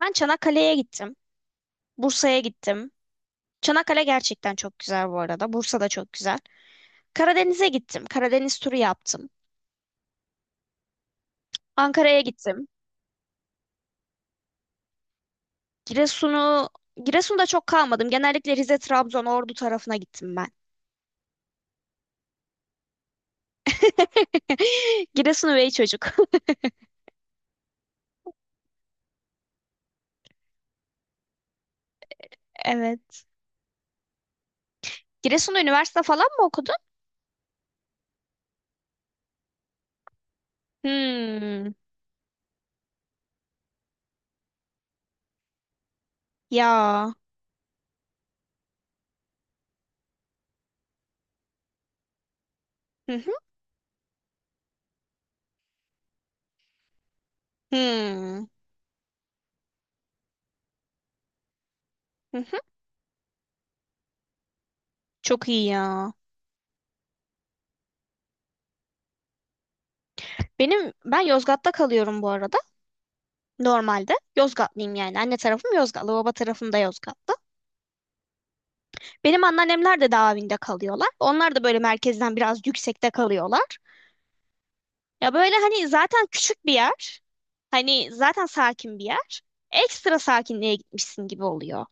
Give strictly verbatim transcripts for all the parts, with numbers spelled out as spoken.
Ben Çanakkale'ye gittim. Bursa'ya gittim. Çanakkale gerçekten çok güzel bu arada. Bursa da çok güzel. Karadeniz'e gittim. Karadeniz turu yaptım. Ankara'ya gittim. Giresun'u Giresun'da çok kalmadım. Genellikle Rize, Trabzon, Ordu tarafına gittim ben. Giresun üvey çocuk. Evet. Giresun'da üniversite falan mı okudun? Hmm. Ya. Hı hı. Hmm. Hı hı. Çok iyi ya. Benim ben Yozgat'ta kalıyorum bu arada. Normalde Yozgatlıyım yani. Anne tarafım Yozgatlı, baba tarafım da Yozgatlı. Benim anneannemler de Davin'de kalıyorlar. Onlar da böyle merkezden biraz yüksekte kalıyorlar. Ya böyle hani zaten küçük bir yer. Hani zaten sakin bir yer. Ekstra sakinliğe gitmişsin gibi oluyor.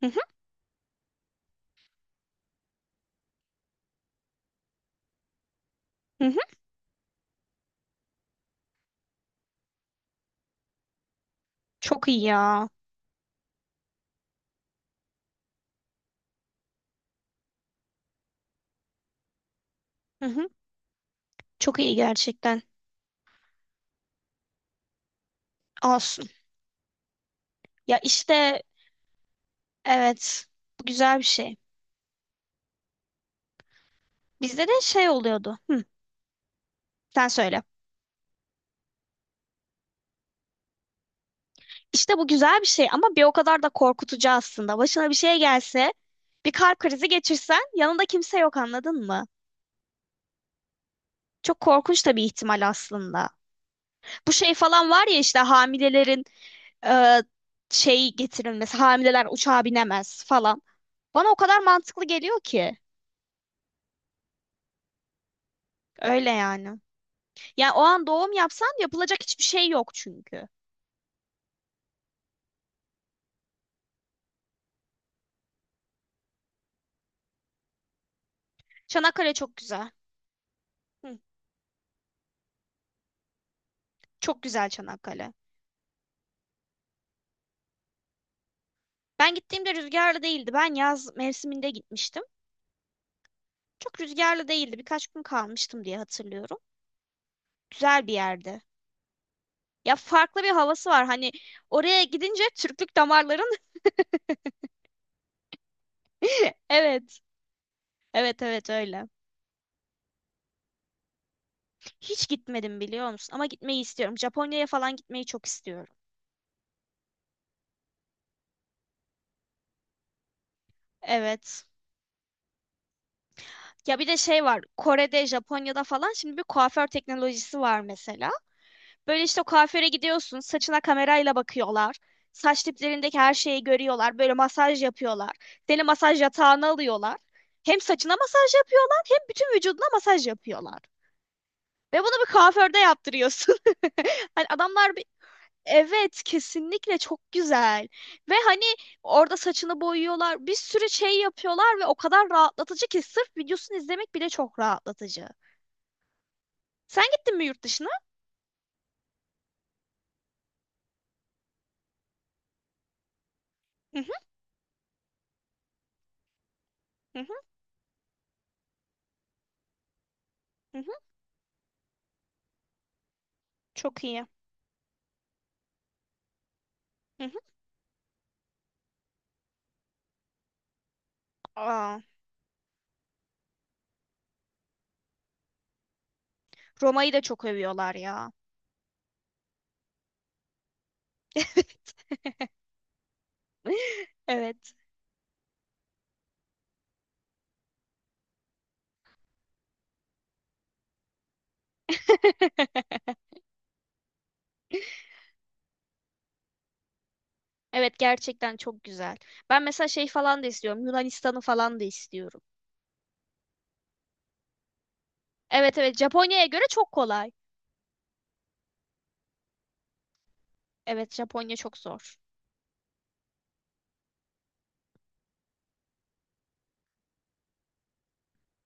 Hı hı, hı hı. Çok iyi ya. Hı hı. Çok iyi gerçekten. Olsun. Ya işte evet. Bu güzel bir şey. Bizde de şey oluyordu. Hı, sen söyle. İşte bu güzel bir şey ama bir o kadar da korkutucu aslında. Başına bir şey gelse, bir kalp krizi geçirsen yanında kimse yok, anladın mı? Çok korkunç da bir ihtimal aslında. Bu şey falan var ya, işte hamilelerin e, şey getirilmesi, hamileler uçağa binemez falan. Bana o kadar mantıklı geliyor ki. Öyle yani. Yani o an doğum yapsan yapılacak hiçbir şey yok çünkü. Çanakkale çok güzel. Hı, çok güzel Çanakkale. Ben gittiğimde rüzgarlı değildi. Ben yaz mevsiminde gitmiştim. Çok rüzgarlı değildi. Birkaç gün kalmıştım diye hatırlıyorum. Güzel bir yerdi. Ya farklı bir havası var. Hani oraya gidince Türklük damarların Evet. Evet evet öyle. Hiç gitmedim biliyor musun? Ama gitmeyi istiyorum. Japonya'ya falan gitmeyi çok istiyorum. Evet. Ya bir de şey var. Kore'de, Japonya'da falan şimdi bir kuaför teknolojisi var mesela. Böyle işte o kuaföre gidiyorsun, saçına kamerayla bakıyorlar. Saç diplerindeki her şeyi görüyorlar. Böyle masaj yapıyorlar. Seni masaj yatağına alıyorlar. Hem saçına masaj yapıyorlar, hem bütün vücuduna masaj yapıyorlar. Ve bunu bir kuaförde yaptırıyorsun. Hani adamlar bir evet, kesinlikle çok güzel. Ve hani orada saçını boyuyorlar. Bir sürü şey yapıyorlar ve o kadar rahatlatıcı ki sırf videosunu izlemek bile çok rahatlatıcı. Sen gittin mi yurt dışına? Hı hı, hı hı, hı hı. Çok iyi. Hı hı. Aa. Roma'yı da çok övüyorlar ya. Evet. Evet. Evet, gerçekten çok güzel. Ben mesela şey falan da istiyorum. Yunanistan'ı falan da istiyorum. Evet evet, Japonya'ya göre çok kolay. Evet, Japonya çok zor.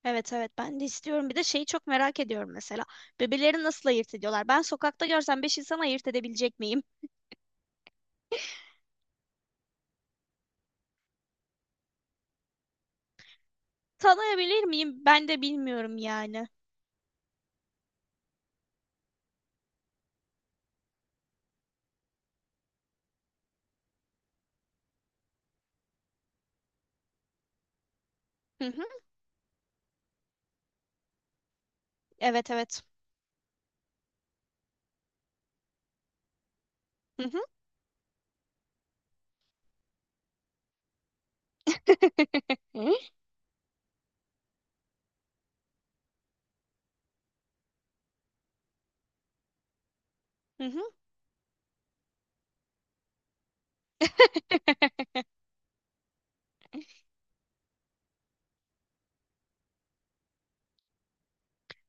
Evet evet, ben de istiyorum. Bir de şeyi çok merak ediyorum mesela. Bebeleri nasıl ayırt ediyorlar? Ben sokakta görsem beş insan ayırt edebilecek miyim? Tanıyabilir miyim? Ben de bilmiyorum yani. Hı hı. Evet evet. Hı hı. Hı? Hı hı.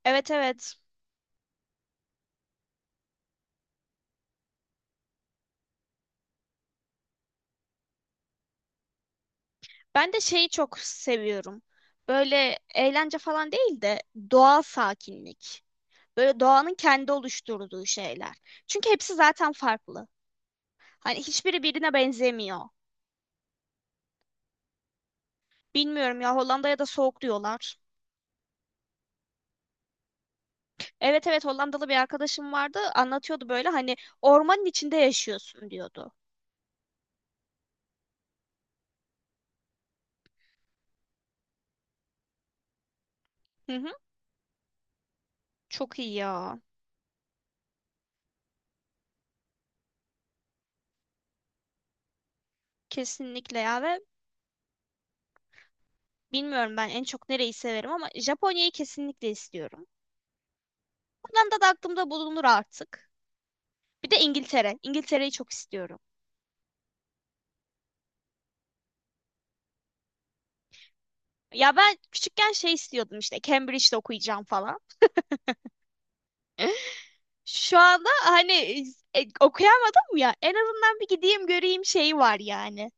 Evet evet. Ben de şeyi çok seviyorum. Böyle eğlence falan değil de doğal sakinlik. Böyle doğanın kendi oluşturduğu şeyler. Çünkü hepsi zaten farklı. Hani hiçbiri birine benzemiyor. Bilmiyorum ya, Hollanda'ya da soğuk diyorlar. Evet evet, Hollandalı bir arkadaşım vardı, anlatıyordu böyle hani ormanın içinde yaşıyorsun diyordu. Hı hı, çok iyi ya. Kesinlikle ya ve bilmiyorum ben en çok nereyi severim ama Japonya'yı kesinlikle istiyorum. Hollanda da aklımda bulunur artık. Bir de İngiltere. İngiltere'yi çok istiyorum. Ya ben küçükken şey istiyordum, işte Cambridge'de okuyacağım falan. Şu anda hani e, okuyamadım ya. En azından bir gideyim göreyim şeyi var yani.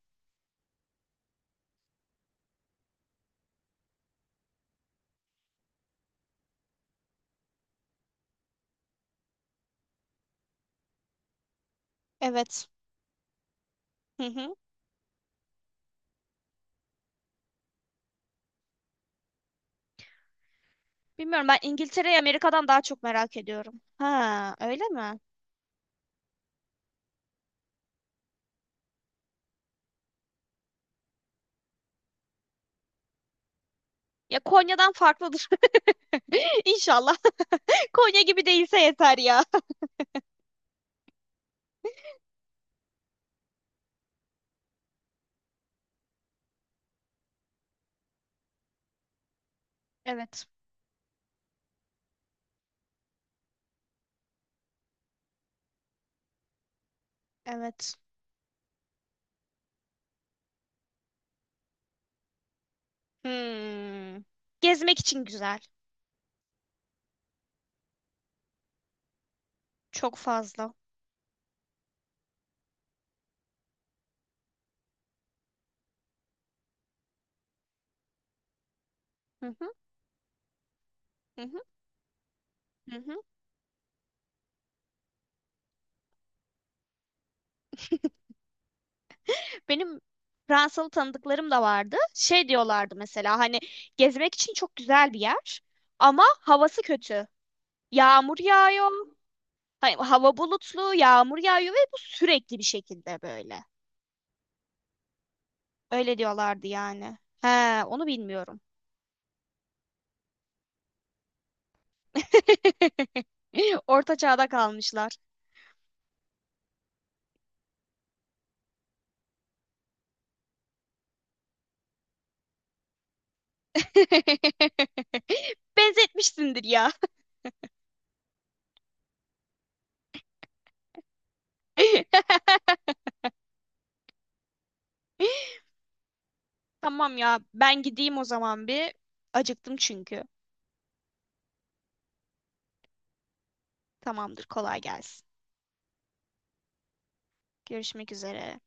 Evet. Hı hı. Bilmiyorum, ben İngiltere'yi Amerika'dan daha çok merak ediyorum. Ha, öyle mi? Ya Konya'dan farklıdır. İnşallah. Konya gibi değilse yeter ya. Evet. Evet. Hmm. Gezmek için güzel. Çok fazla. Hı hı, hı hı, hı hı. Benim Fransalı tanıdıklarım da vardı. Şey diyorlardı mesela, hani gezmek için çok güzel bir yer ama havası kötü. Yağmur yağıyor. Hani hava bulutlu, yağmur yağıyor ve bu sürekli bir şekilde böyle. Öyle diyorlardı yani. He, onu bilmiyorum. Orta çağda kalmışlar. Benzetmişsindir ya. Tamam ya, ben gideyim o zaman bir. Acıktım çünkü. Tamamdır, kolay gelsin. Görüşmek üzere.